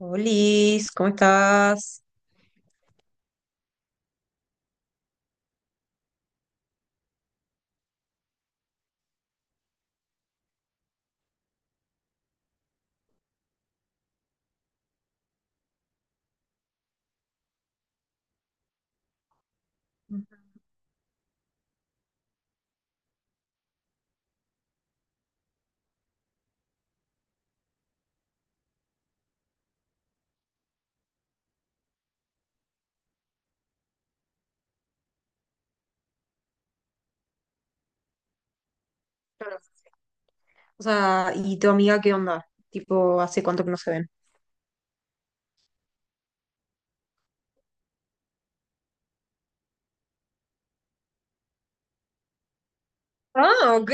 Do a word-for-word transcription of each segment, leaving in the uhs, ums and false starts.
Liz, ¿cómo estás? Claro. O sea, ¿y tu amiga qué onda? Tipo, ¿hace cuánto que no se ven? Ah, ok.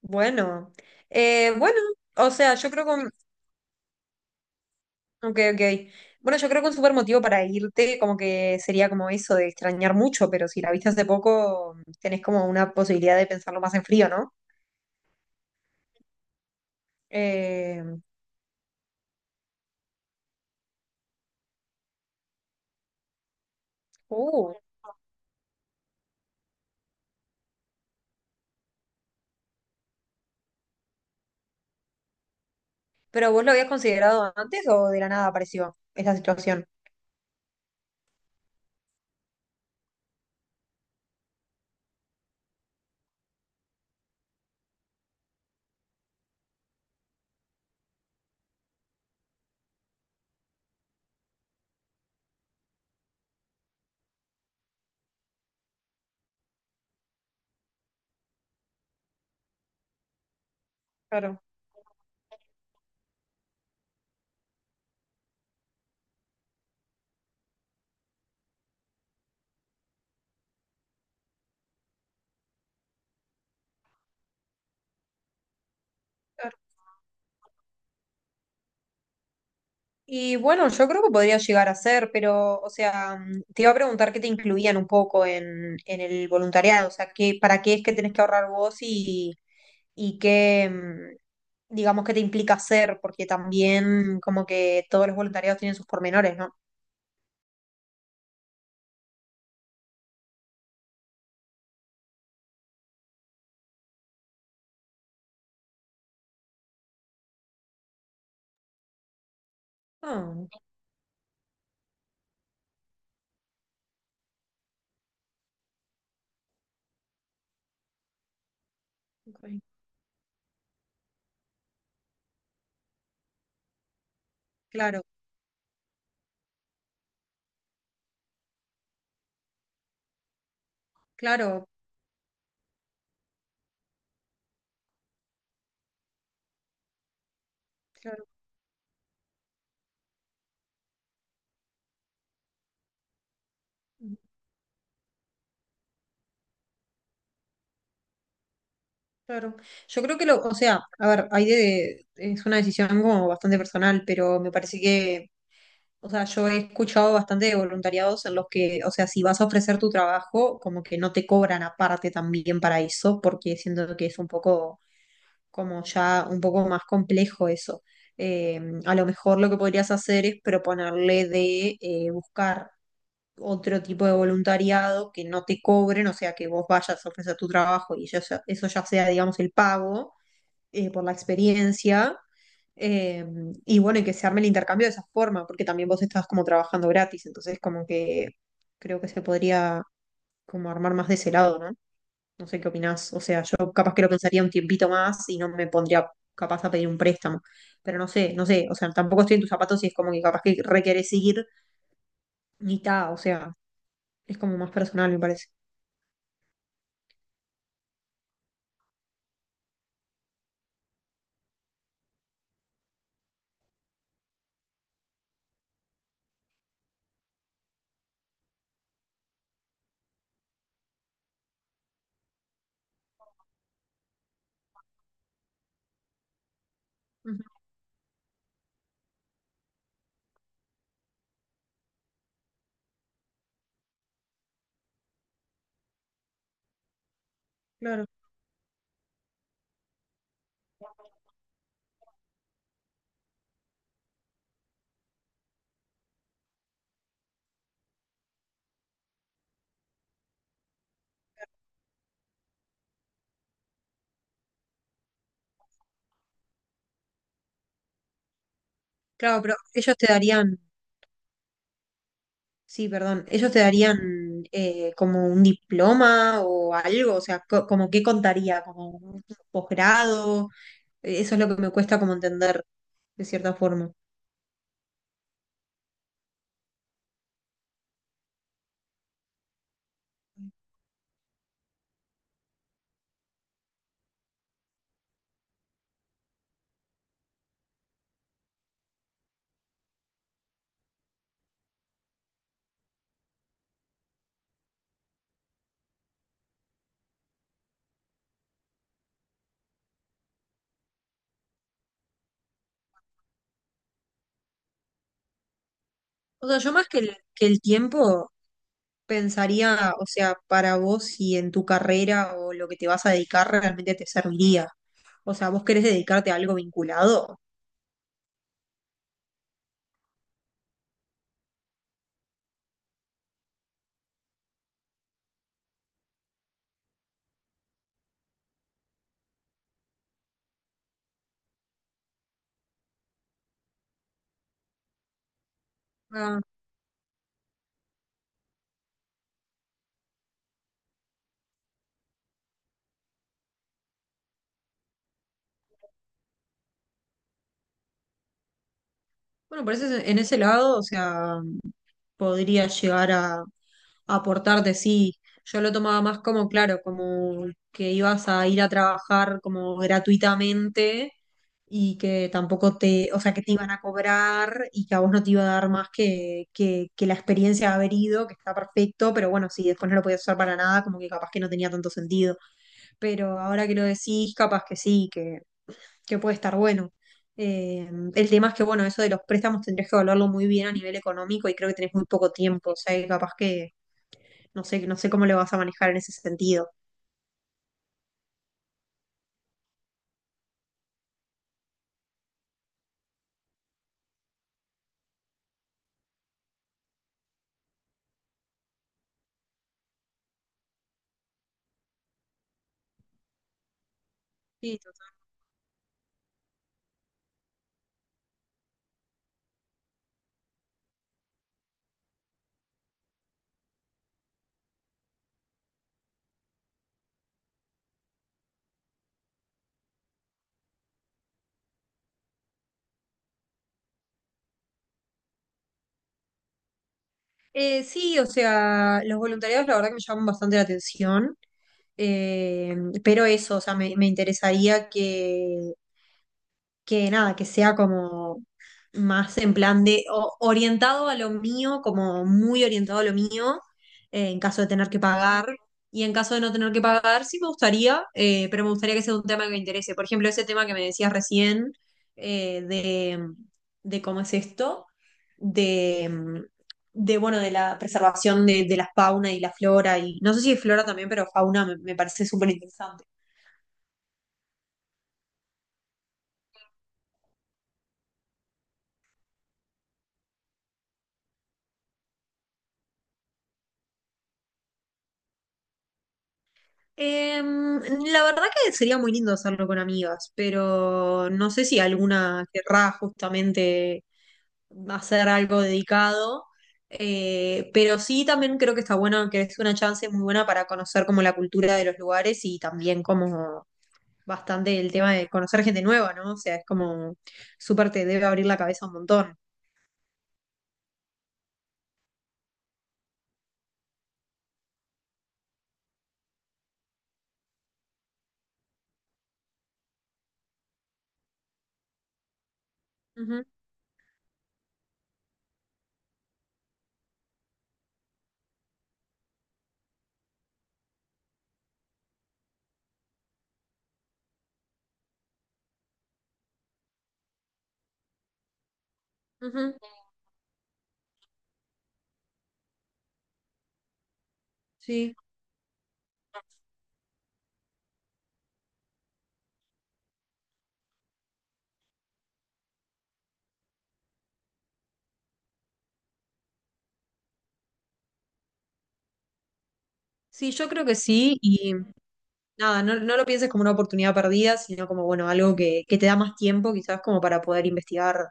Bueno, eh, bueno, o sea, yo creo con... Ok, ok. Bueno, yo creo que un súper motivo para irte como que sería como eso de extrañar mucho, pero si la viste hace poco, tenés como una posibilidad de pensarlo más en frío, ¿no? Eh, uh, ¿Pero vos lo habías considerado antes o de la nada apareció esta situación? Claro, claro. Y bueno, yo creo que podría llegar a ser, pero, o sea, mm, te iba a preguntar qué te incluían un poco en, en el voluntariado, o sea, qué, para qué es que tenés que ahorrar vos y, y qué, mm, digamos, qué te implica hacer, porque también como que todos los voluntariados tienen sus pormenores, ¿no? Ah, ok. Claro, claro, claro, mm, claro. Yo creo que lo, o sea, a ver, hay de, es una decisión como bastante personal, pero me parece que o sea, yo he escuchado bastante de voluntariados en los que, o sea, si vas a ofrecer tu trabajo, como que no te cobran aparte también para eso, porque siento que es un poco, como ya un poco más complejo eso. Eh, a lo mejor lo que podrías hacer es proponerle de eh, buscar otro tipo de voluntariado que no te cobren, o sea, que vos vayas a ofrecer tu trabajo y eso, eso ya sea, digamos, el pago eh, por la experiencia. eh, y bueno, y que se arme el intercambio de esa forma, porque también vos estás como trabajando gratis, entonces como que creo que se podría como armar más de ese lado, ¿no? No sé qué opinás. O sea, yo capaz que lo pensaría un tiempito más y no me pondría capaz a pedir un préstamo. Pero no sé, no sé. O sea, tampoco estoy en tus zapatos y es como que capaz que requerés ir ni ta. O sea, es como más personal, me parece. Ujú, claro, claro, pero ellos te darían, sí, perdón. ¿Ellos te darían eh, como un diploma o algo? O sea, co- ¿como qué contaría? ¿Como un posgrado? Eh, Eso es lo que me cuesta como entender, de cierta forma. O sea, yo más que el, que el tiempo pensaría, o sea, para vos si en tu carrera o lo que te vas a dedicar realmente te serviría. O sea, ¿vos querés dedicarte a algo vinculado? Ah, bueno, por eso en ese lado, o sea, podría llegar a aportar de sí. Yo lo tomaba más como, claro, como que ibas a ir a trabajar como gratuitamente y que tampoco te, o sea, que te iban a cobrar y que a vos no te iba a dar más que, que, que la experiencia de haber ido, que está perfecto, pero bueno, sí, después no lo podías usar para nada, como que capaz que no tenía tanto sentido. Pero ahora que lo decís, capaz que sí, que, que puede estar bueno. Eh, el tema es que, bueno, eso de los préstamos tendrías que evaluarlo muy bien a nivel económico y creo que tenés muy poco tiempo, o sea, que capaz que no sé, no sé cómo lo vas a manejar en ese sentido. Sí, total. Eh, sí, o sea, los voluntariados la verdad que me llaman bastante la atención, eh, pero eso, o sea, me, me interesaría que, que nada, que sea como más en plan de o- orientado a lo mío, como muy orientado a lo mío, eh, en caso de tener que pagar. Y en caso de no tener que pagar, sí me gustaría, eh, pero me gustaría que sea un tema que me interese. Por ejemplo, ese tema que me decías recién, eh, de, de cómo es esto, de, mm, de, bueno, de la preservación de, de la fauna y la flora, y no sé si es flora también, pero fauna me, me parece súper interesante. Em, la verdad que sería muy lindo hacerlo con amigas, pero no sé si alguna querrá justamente hacer algo dedicado. Eh, pero sí, también creo que está bueno, que es una chance muy buena para conocer como la cultura de los lugares y también como bastante el tema de conocer gente nueva, ¿no? O sea, es como súper te debe abrir la cabeza un montón. Ujú, ujú. Sí, sí, yo creo que sí. Nada, no, no lo pienses como una oportunidad perdida, sino como, bueno, algo que, que te da más tiempo quizás como para poder investigar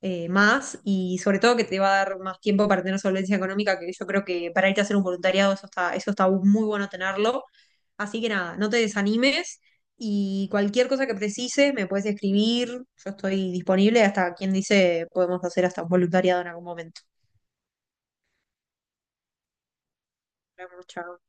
eh, más y sobre todo que te va a dar más tiempo para tener solvencia económica, que yo creo que para irte a hacer un voluntariado eso está, eso está muy bueno tenerlo. Así que nada, no te desanimes y cualquier cosa que precises me puedes escribir, yo estoy disponible, hasta quien dice podemos hacer hasta un voluntariado en algún momento. Nos vemos, chao.